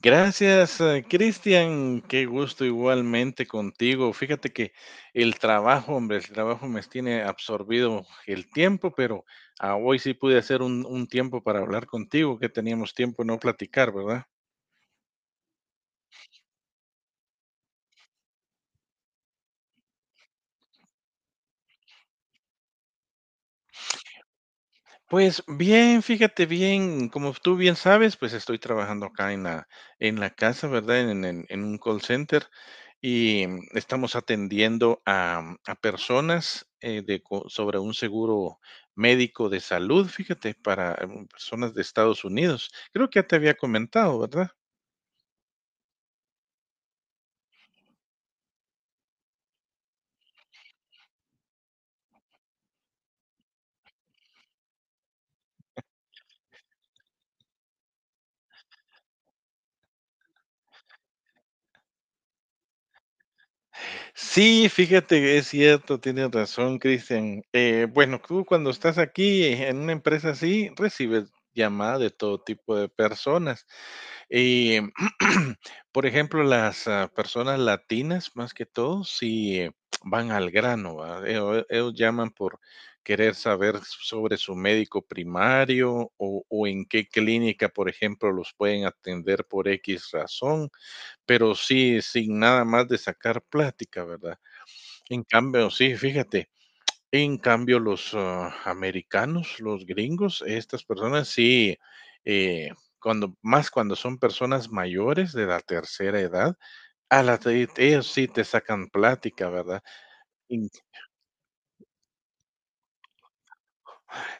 Gracias, Cristian. Qué gusto igualmente contigo. Fíjate que el trabajo, hombre, el trabajo me tiene absorbido el tiempo, pero hoy sí pude hacer un tiempo para hablar contigo, que teníamos tiempo de no platicar, ¿verdad? Pues bien, fíjate bien, como tú bien sabes, pues estoy trabajando acá en en la casa, ¿verdad? En un call center y estamos atendiendo a personas de, co- sobre un seguro médico de salud, fíjate, para personas de Estados Unidos. Creo que ya te había comentado, ¿verdad? Sí, fíjate que es cierto, tienes razón, Cristian. Bueno, tú cuando estás aquí en una empresa así, recibes llamadas de todo tipo de personas. Y, por ejemplo, las personas latinas, más que todo, sí van al grano, ¿va? Ellos llaman por querer saber sobre su médico primario o en qué clínica, por ejemplo, los pueden atender por X razón, pero sí sin nada más de sacar plática, ¿verdad? En cambio, sí, fíjate, en cambio los, americanos, los gringos, estas personas sí, eh, cuando más cuando son personas mayores de la tercera edad, a la te ellos sí te sacan plática, ¿verdad?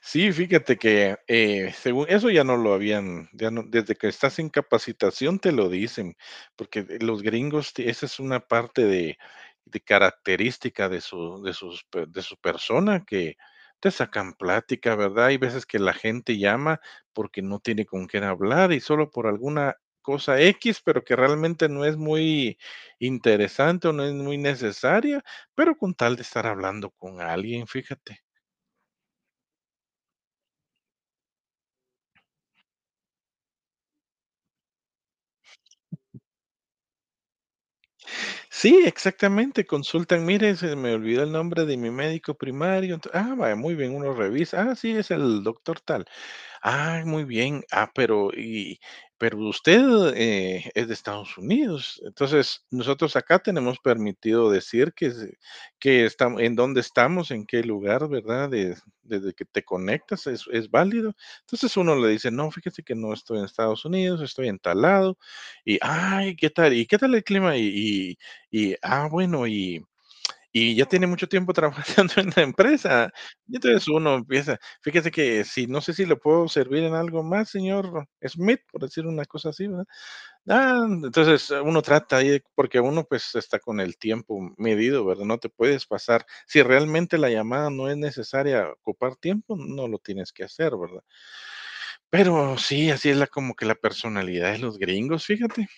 Sí, fíjate que según eso ya no lo habían, ya no, desde que estás en capacitación te lo dicen, porque de- los gringos, te- esa es una parte de característica de su, de sus, pe- de su persona, que te sacan plática, ¿verdad? Hay veces que la gente llama porque no tiene con quién hablar y solo por alguna cosa X, pero que realmente no es muy interesante o no es muy necesaria, pero con tal de estar hablando con alguien, fíjate. Sí, exactamente, consultan, mire, se me olvidó el nombre de mi médico primario, ento- ah, vaya, muy bien, uno revisa, ah, sí, es el doctor tal. Ah, muy bien. Ah, pero y pero usted, es de Estados Unidos. Entonces, nosotros acá tenemos permitido decir que se que estamos en dónde estamos, en qué lugar, ¿verdad? De desde que te conectas es válido. Entonces, uno le dice: "No, fíjese que no estoy en Estados Unidos, estoy en tal lado". Y: "Ay, ¿qué tal? ¿Y qué tal el clima?". Y: "Ah, bueno, y ya tiene mucho tiempo trabajando en la empresa. Y entonces uno empieza, fíjese que si no sé si le puedo servir en algo más, señor Smith, por decir una cosa así, ¿verdad? Ah, entonces uno trata ahí, de- porque uno pues está con el tiempo medido, ¿verdad? No te puedes pasar. Si realmente la llamada no es necesaria ocupar tiempo, no lo tienes que hacer, ¿verdad? Pero sí, así es la como que la personalidad de los gringos, fíjate.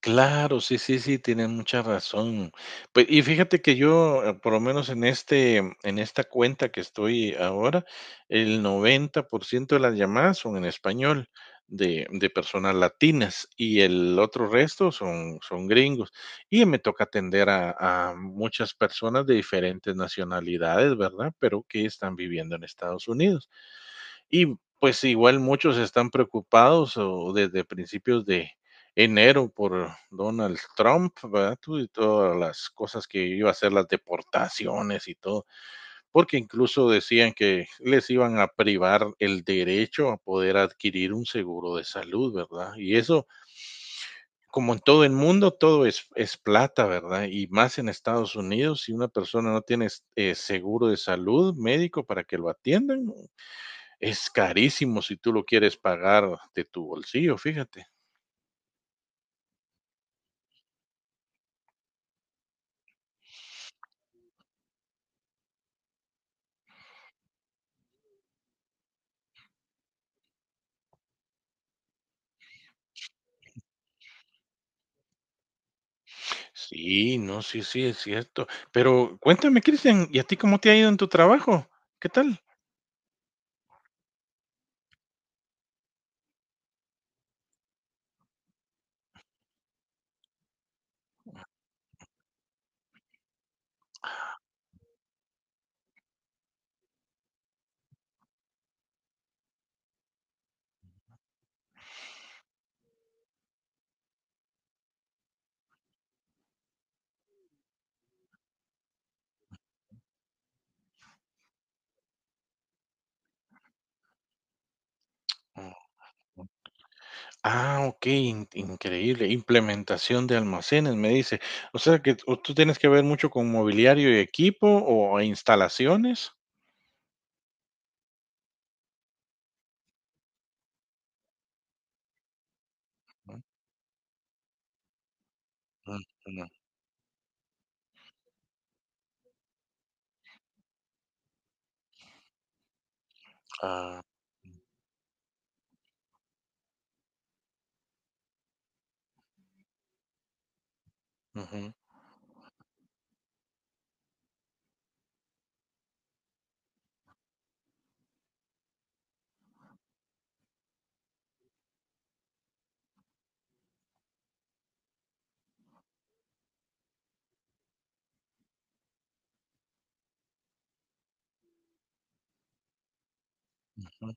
Claro, sí, sí, sí, tienen mucha razón. Pues, y fíjate que yo, por lo menos en este, en esta cuenta que estoy ahora, el 90% de las llamadas son en español de personas latinas y el otro resto son, son gringos. Y me toca atender a muchas personas de diferentes nacionalidades, ¿verdad? Pero que están viviendo en Estados Unidos. Y pues igual muchos están preocupados o desde principios de enero por Donald Trump, ¿verdad? Tú Y todas las cosas que iba a hacer, las deportaciones y todo, porque incluso decían que les iban a privar el derecho a poder adquirir un seguro de salud, ¿verdad? Y eso, como en todo el mundo, todo es plata, ¿verdad? Y más en Estados Unidos, si una persona no tiene seguro de salud médico para que lo atiendan, es carísimo si tú lo quieres pagar de tu bolsillo, fíjate. Sí, no, sí, sí, es cierto. Pero cuéntame, Cristian, ¿y a ti cómo te ha ido en tu trabajo? ¿Qué tal? Ujú. Ah, ok, in- increíble. Implementación de almacenes, me dice. O sea que o tú tienes que ver mucho con mobiliario y equipo o instalaciones. Ujú, ujú. Ah, ujú, ujú.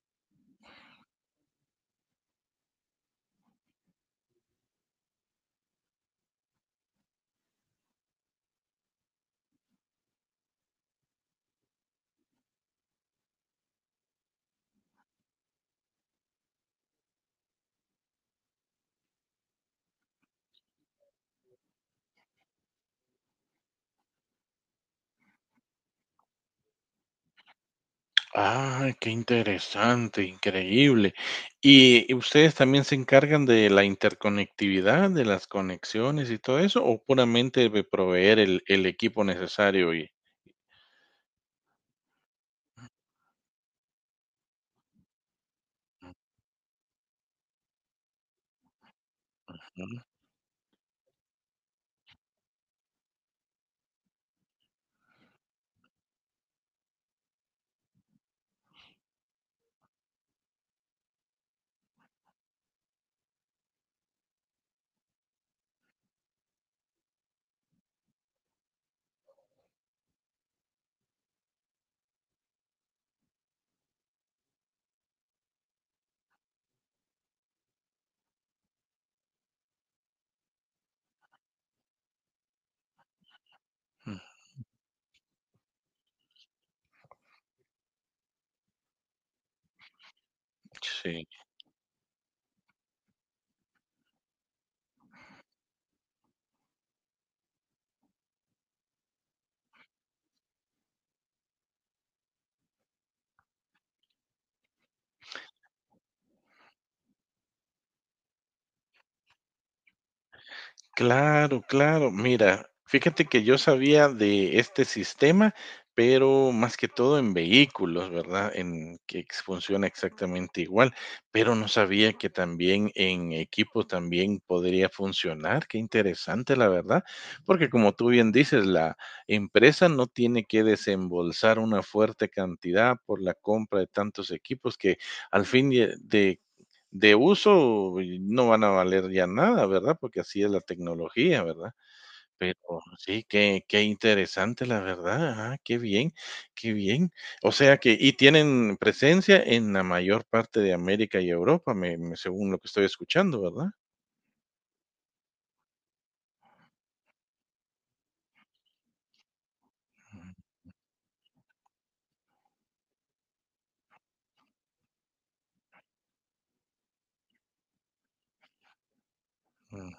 Ah, qué interesante, increíble. ¿Y ustedes también se encargan de la interconectividad, de las conexiones y todo eso, o puramente de proveer el equipo necesario y Ujú, ujú, sí. Claro, claro. Mira, fíjate que yo sabía de este sistema, pero más que todo en vehículos, ¿verdad? En que ex- funciona exactamente igual, pero no sabía que también en equipo también podría funcionar. Qué interesante, la verdad, porque como tú bien dices, la empresa no tiene que desembolsar una fuerte cantidad por la compra de tantos equipos que al fin y- de uso no van a valer ya nada, ¿verdad? Porque así es la tecnología, ¿verdad? Pero sí, qué, qué interesante, la verdad. Ajá, qué bien, qué bien. O sea que, y tienen presencia en la mayor parte de América y Europa, me- me- según lo que estoy escuchando, ¿verdad? Ujú.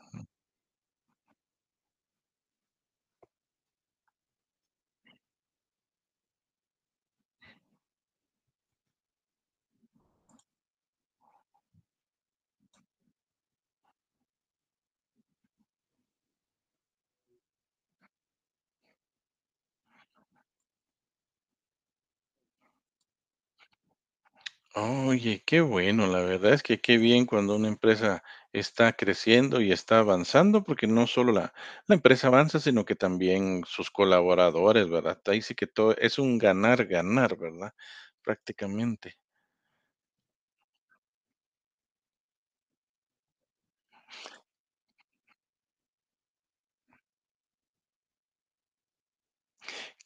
Oye, qué bueno, la verdad es que qué bien cuando una empresa está creciendo y está avanzando, porque no solo la empresa avanza, sino que también sus colaboradores, ¿verdad? Ahí sí que todo es un ganar, ganar, ¿verdad? Prácticamente.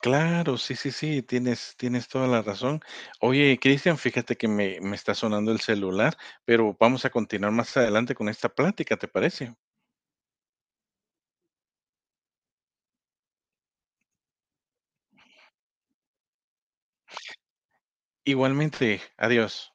Claro, sí, sí, sí, tienes, tienes toda la razón. Oye, Cristian, fíjate que me está sonando el celular, pero vamos a continuar más adelante con esta plática, ¿te parece? Igualmente, adiós.